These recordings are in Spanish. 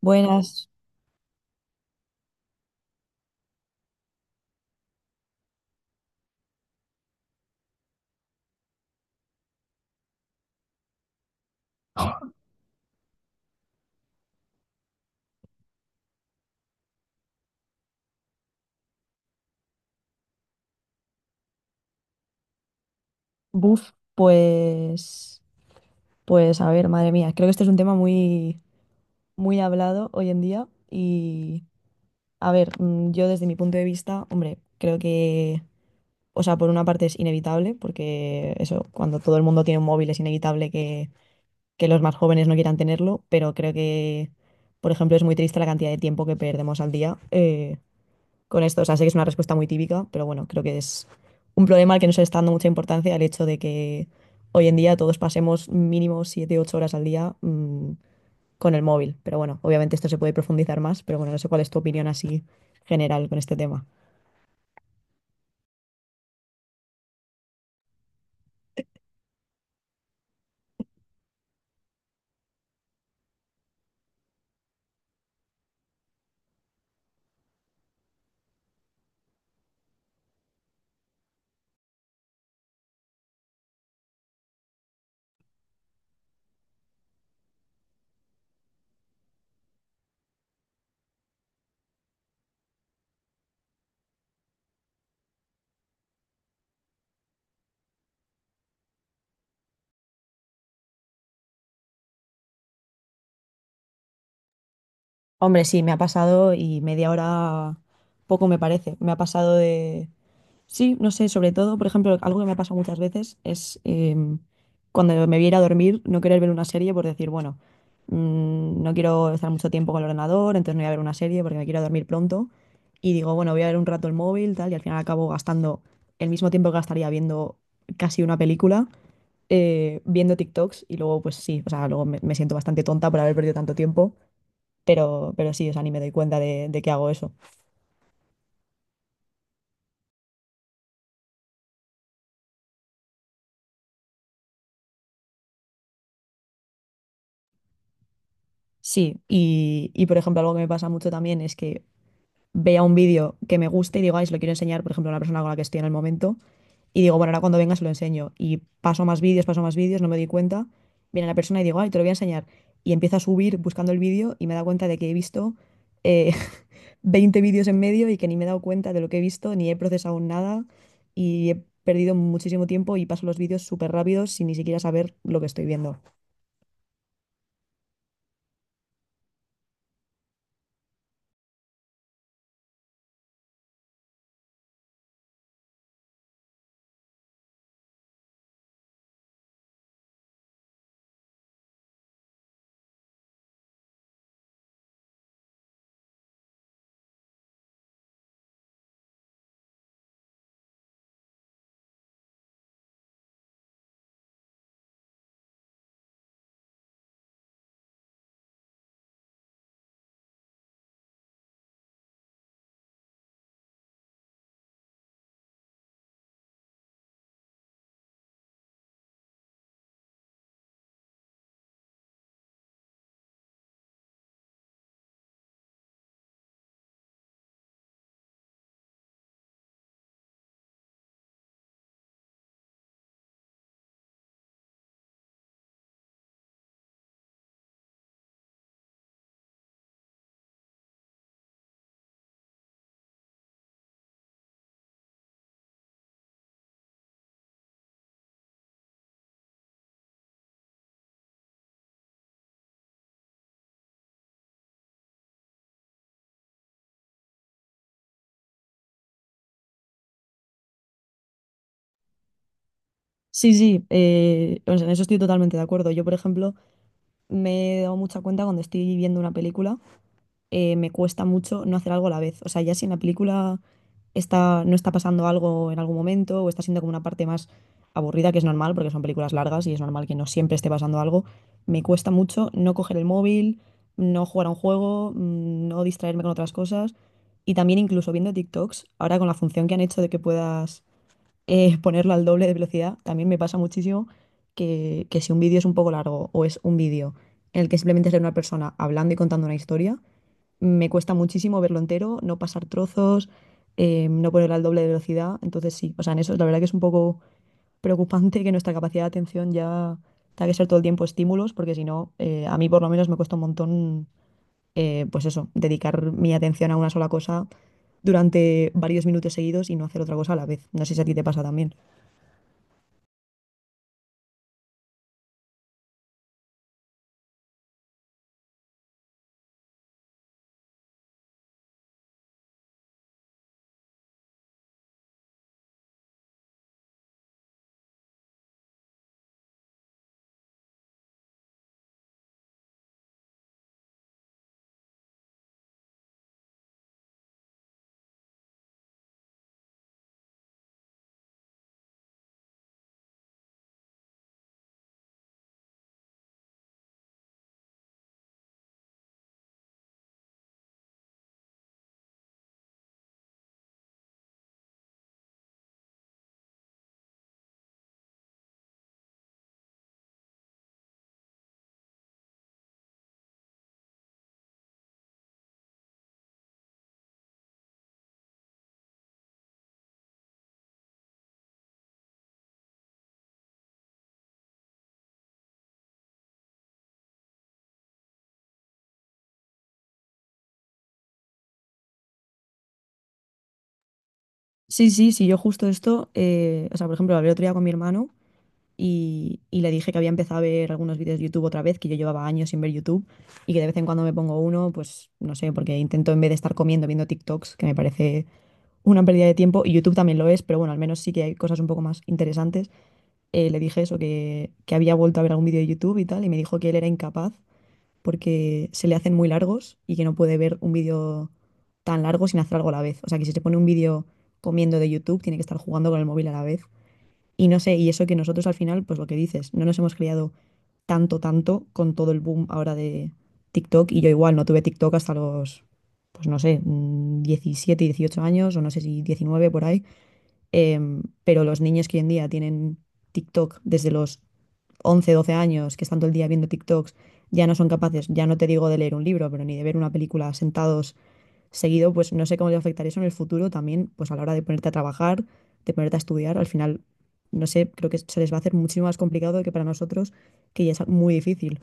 Buenas. Buf, pues, pues a ver, madre mía, creo que este es un tema muy, muy hablado hoy en día, y a ver, yo desde mi punto de vista, hombre, creo que, o sea, por una parte es inevitable, porque eso, cuando todo el mundo tiene un móvil es inevitable que los más jóvenes no quieran tenerlo, pero creo que, por ejemplo, es muy triste la cantidad de tiempo que perdemos al día, con esto. O sea, sé que es una respuesta muy típica, pero bueno, creo que es un problema al que no se le está dando mucha importancia el hecho de que hoy en día todos pasemos mínimo 7 8 horas al día con el móvil. Pero bueno, obviamente esto se puede profundizar más, pero bueno, no sé cuál es tu opinión así general con este tema. Hombre, sí, me ha pasado, y media hora poco me parece. Me ha pasado de, sí, no sé, sobre todo, por ejemplo, algo que me ha pasado muchas veces es, cuando me voy a ir a dormir, no querer ver una serie, por decir, bueno, no quiero estar mucho tiempo con el ordenador, entonces no voy a ver una serie porque me quiero dormir pronto. Y digo, bueno, voy a ver un rato el móvil, tal, y al final acabo gastando el mismo tiempo que gastaría viendo casi una película, viendo TikToks, y luego, pues sí, o sea, luego me siento bastante tonta por haber perdido tanto tiempo, pero sí, o sea, ni me doy cuenta de que hago eso. Sí, y por ejemplo, algo que me pasa mucho también es que vea un vídeo que me guste y digo, ay, se lo quiero enseñar, por ejemplo, a una persona con la que estoy en el momento, y digo, bueno, ahora cuando venga se lo enseño. Y paso más vídeos, no me doy cuenta. Viene la persona y digo, ay, te lo voy a enseñar. Y empiezo a subir buscando el vídeo y me da cuenta de que he visto eh, 20 vídeos en medio y que ni me he dado cuenta de lo que he visto, ni he procesado nada, y he perdido muchísimo tiempo y paso los vídeos súper rápidos sin ni siquiera saber lo que estoy viendo. Sí, sí, o sea, en eso estoy totalmente de acuerdo. Yo, por ejemplo, me he dado mucha cuenta cuando estoy viendo una película, me cuesta mucho no hacer algo a la vez. O sea, ya si en la película está, no está pasando algo en algún momento, o está siendo como una parte más aburrida, que es normal porque son películas largas y es normal que no siempre esté pasando algo, me cuesta mucho no coger el móvil, no jugar a un juego, no distraerme con otras cosas. Y también incluso viendo TikToks, ahora con la función que han hecho de que puedas, ponerlo al doble de velocidad, también me pasa muchísimo que si un vídeo es un poco largo, o es un vídeo en el que simplemente es de una persona hablando y contando una historia, me cuesta muchísimo verlo entero, no pasar trozos, no poner al doble de velocidad. Entonces sí, o sea, en eso la verdad que es un poco preocupante que nuestra capacidad de atención ya tenga que ser todo el tiempo estímulos, porque si no, a mí por lo menos me cuesta un montón, pues eso, dedicar mi atención a una sola cosa durante varios minutos seguidos y no hacer otra cosa a la vez. No sé si a ti te pasa también. Sí, sí, sí, yo justo esto, o sea, por ejemplo, hablé otro día con mi hermano y le dije que había empezado a ver algunos vídeos de YouTube otra vez, que yo llevaba años sin ver YouTube, y que de vez en cuando me pongo uno, pues no sé, porque intento en vez de estar comiendo viendo TikToks, que me parece una pérdida de tiempo, y YouTube también lo es, pero bueno, al menos sí que hay cosas un poco más interesantes. Le dije eso, que había vuelto a ver algún vídeo de YouTube y tal, y me dijo que él era incapaz porque se le hacen muy largos y que no puede ver un vídeo tan largo sin hacer algo a la vez. O sea, que si se pone un vídeo comiendo de YouTube, tiene que estar jugando con el móvil a la vez. Y no sé, y eso que nosotros al final, pues lo que dices, no nos hemos criado tanto, tanto con todo el boom ahora de TikTok. Y yo igual no tuve TikTok hasta los, pues no sé, 17, 18 años, o no sé si 19 por ahí. Pero los niños que hoy en día tienen TikTok desde los 11, 12 años, que están todo el día viendo TikToks, ya no son capaces, ya no te digo de leer un libro, pero ni de ver una película sentados seguido, pues no sé cómo les afectará eso en el futuro también, pues a la hora de ponerte a trabajar, de ponerte a estudiar. Al final no sé, creo que se les va a hacer muchísimo más complicado que para nosotros, que ya es muy difícil.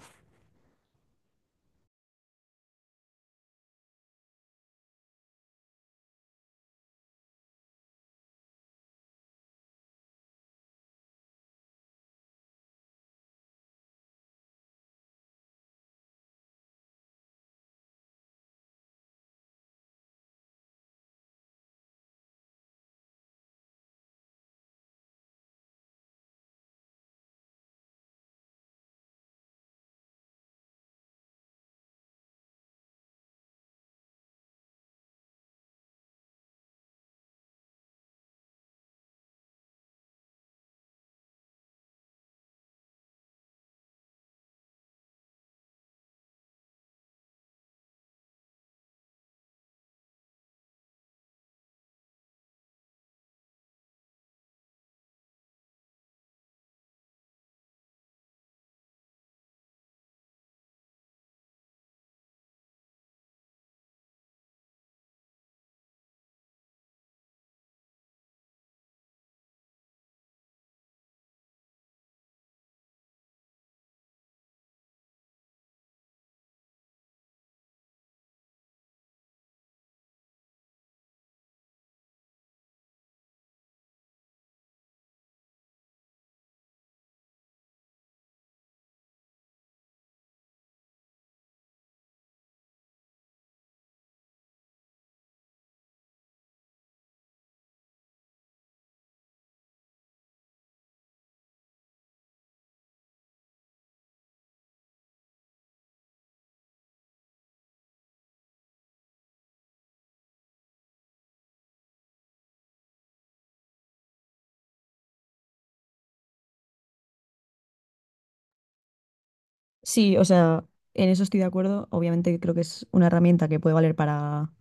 Sí, o sea, en eso estoy de acuerdo. Obviamente creo que es una herramienta que puede valer para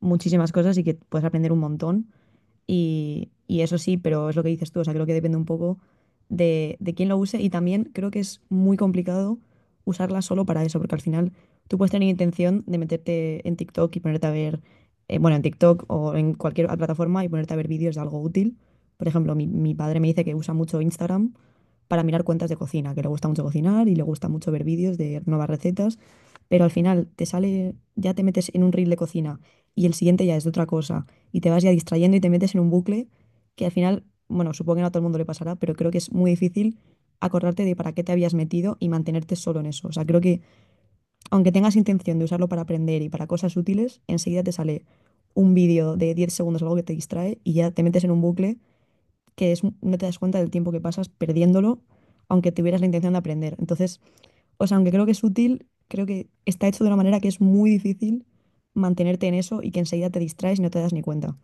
muchísimas cosas y que puedes aprender un montón. Y eso sí, pero es lo que dices tú, o sea, creo que depende un poco de quién lo use, y también creo que es muy complicado usarla solo para eso, porque al final tú puedes tener intención de meterte en TikTok y ponerte a ver, bueno, en TikTok o en cualquier plataforma y ponerte a ver vídeos de algo útil. Por ejemplo, mi padre me dice que usa mucho Instagram para mirar cuentas de cocina, que le gusta mucho cocinar y le gusta mucho ver vídeos de nuevas recetas, pero al final te sale, ya te metes en un reel de cocina, y el siguiente ya es de otra cosa, y te vas ya distrayendo y te metes en un bucle que al final, bueno, supongo que no a todo el mundo le pasará, pero creo que es muy difícil acordarte de para qué te habías metido y mantenerte solo en eso. O sea, creo que aunque tengas intención de usarlo para aprender y para cosas útiles, enseguida te sale un vídeo de 10 segundos, algo que te distrae, y ya te metes en un bucle que es, no te das cuenta del tiempo que pasas perdiéndolo, aunque tuvieras la intención de aprender. Entonces, o sea, aunque creo que es útil, creo que está hecho de una manera que es muy difícil mantenerte en eso, y que enseguida te distraes y no te das ni cuenta.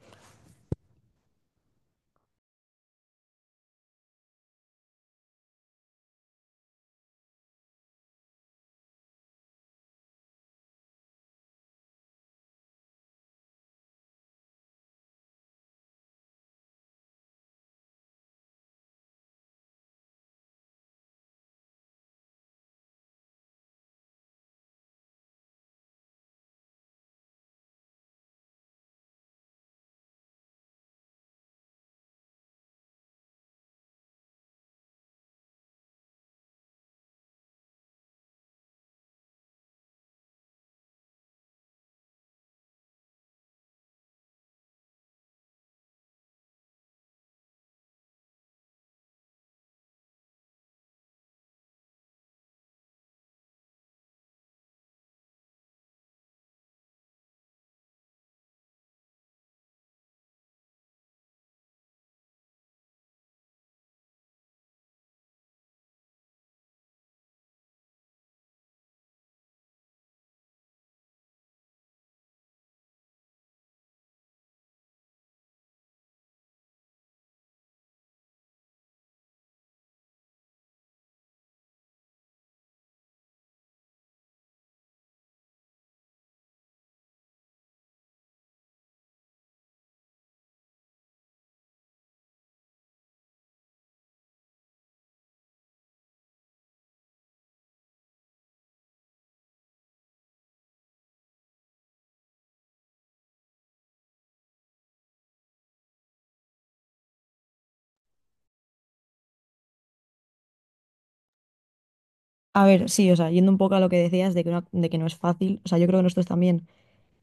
A ver, sí, o sea, yendo un poco a lo que decías de que no es fácil, o sea, yo creo que nosotros también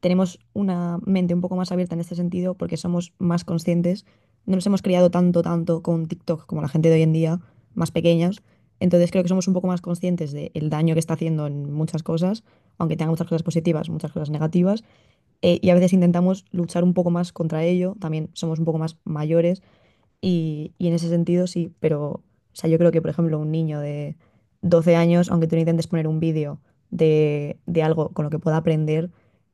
tenemos una mente un poco más abierta en este sentido porque somos más conscientes, no nos hemos criado tanto, tanto con TikTok como la gente de hoy en día, más pequeñas. Entonces creo que somos un poco más conscientes del daño que está haciendo en muchas cosas, aunque tenga muchas cosas positivas, muchas cosas negativas, y a veces intentamos luchar un poco más contra ello, también somos un poco más mayores, y en ese sentido sí. Pero o sea, yo creo que, por ejemplo, un niño de 12 años, aunque tú le intentes poner un vídeo de algo con lo que pueda aprender,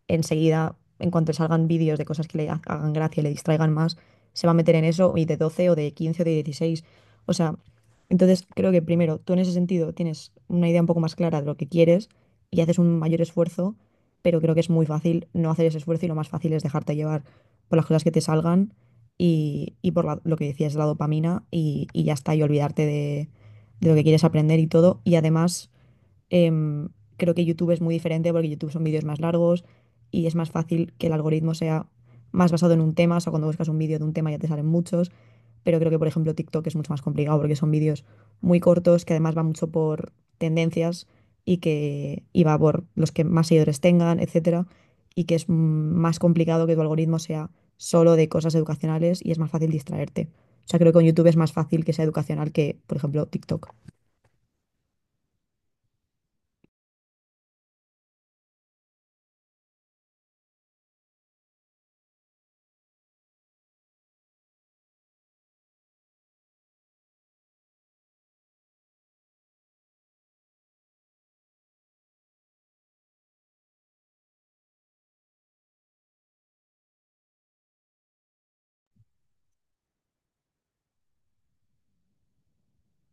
enseguida, en cuanto salgan vídeos de cosas que le hagan gracia y le distraigan más, se va a meter en eso, y de 12, o de 15, o de 16. O sea, entonces creo que primero, tú en ese sentido tienes una idea un poco más clara de lo que quieres y haces un mayor esfuerzo, pero creo que es muy fácil no hacer ese esfuerzo, y lo más fácil es dejarte llevar por las cosas que te salgan y por lo que decías, la dopamina y ya está, y olvidarte de lo que quieres aprender y todo. Y además, Em, creo que YouTube es muy diferente porque YouTube son vídeos más largos y es más fácil que el algoritmo sea más basado en un tema. O sea, cuando buscas un vídeo de un tema ya te salen muchos. Pero creo que, por ejemplo, TikTok es mucho más complicado porque son vídeos muy cortos que además va mucho por tendencias y que, y va por los que más seguidores tengan, etcétera. Y que es, más complicado que tu algoritmo sea solo de cosas educacionales, y es más fácil distraerte. O sea, creo que con YouTube es más fácil que sea educacional que, por ejemplo, TikTok.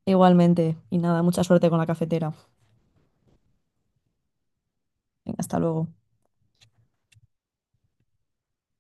Igualmente. Y nada, mucha suerte con la cafetera. Venga, hasta luego.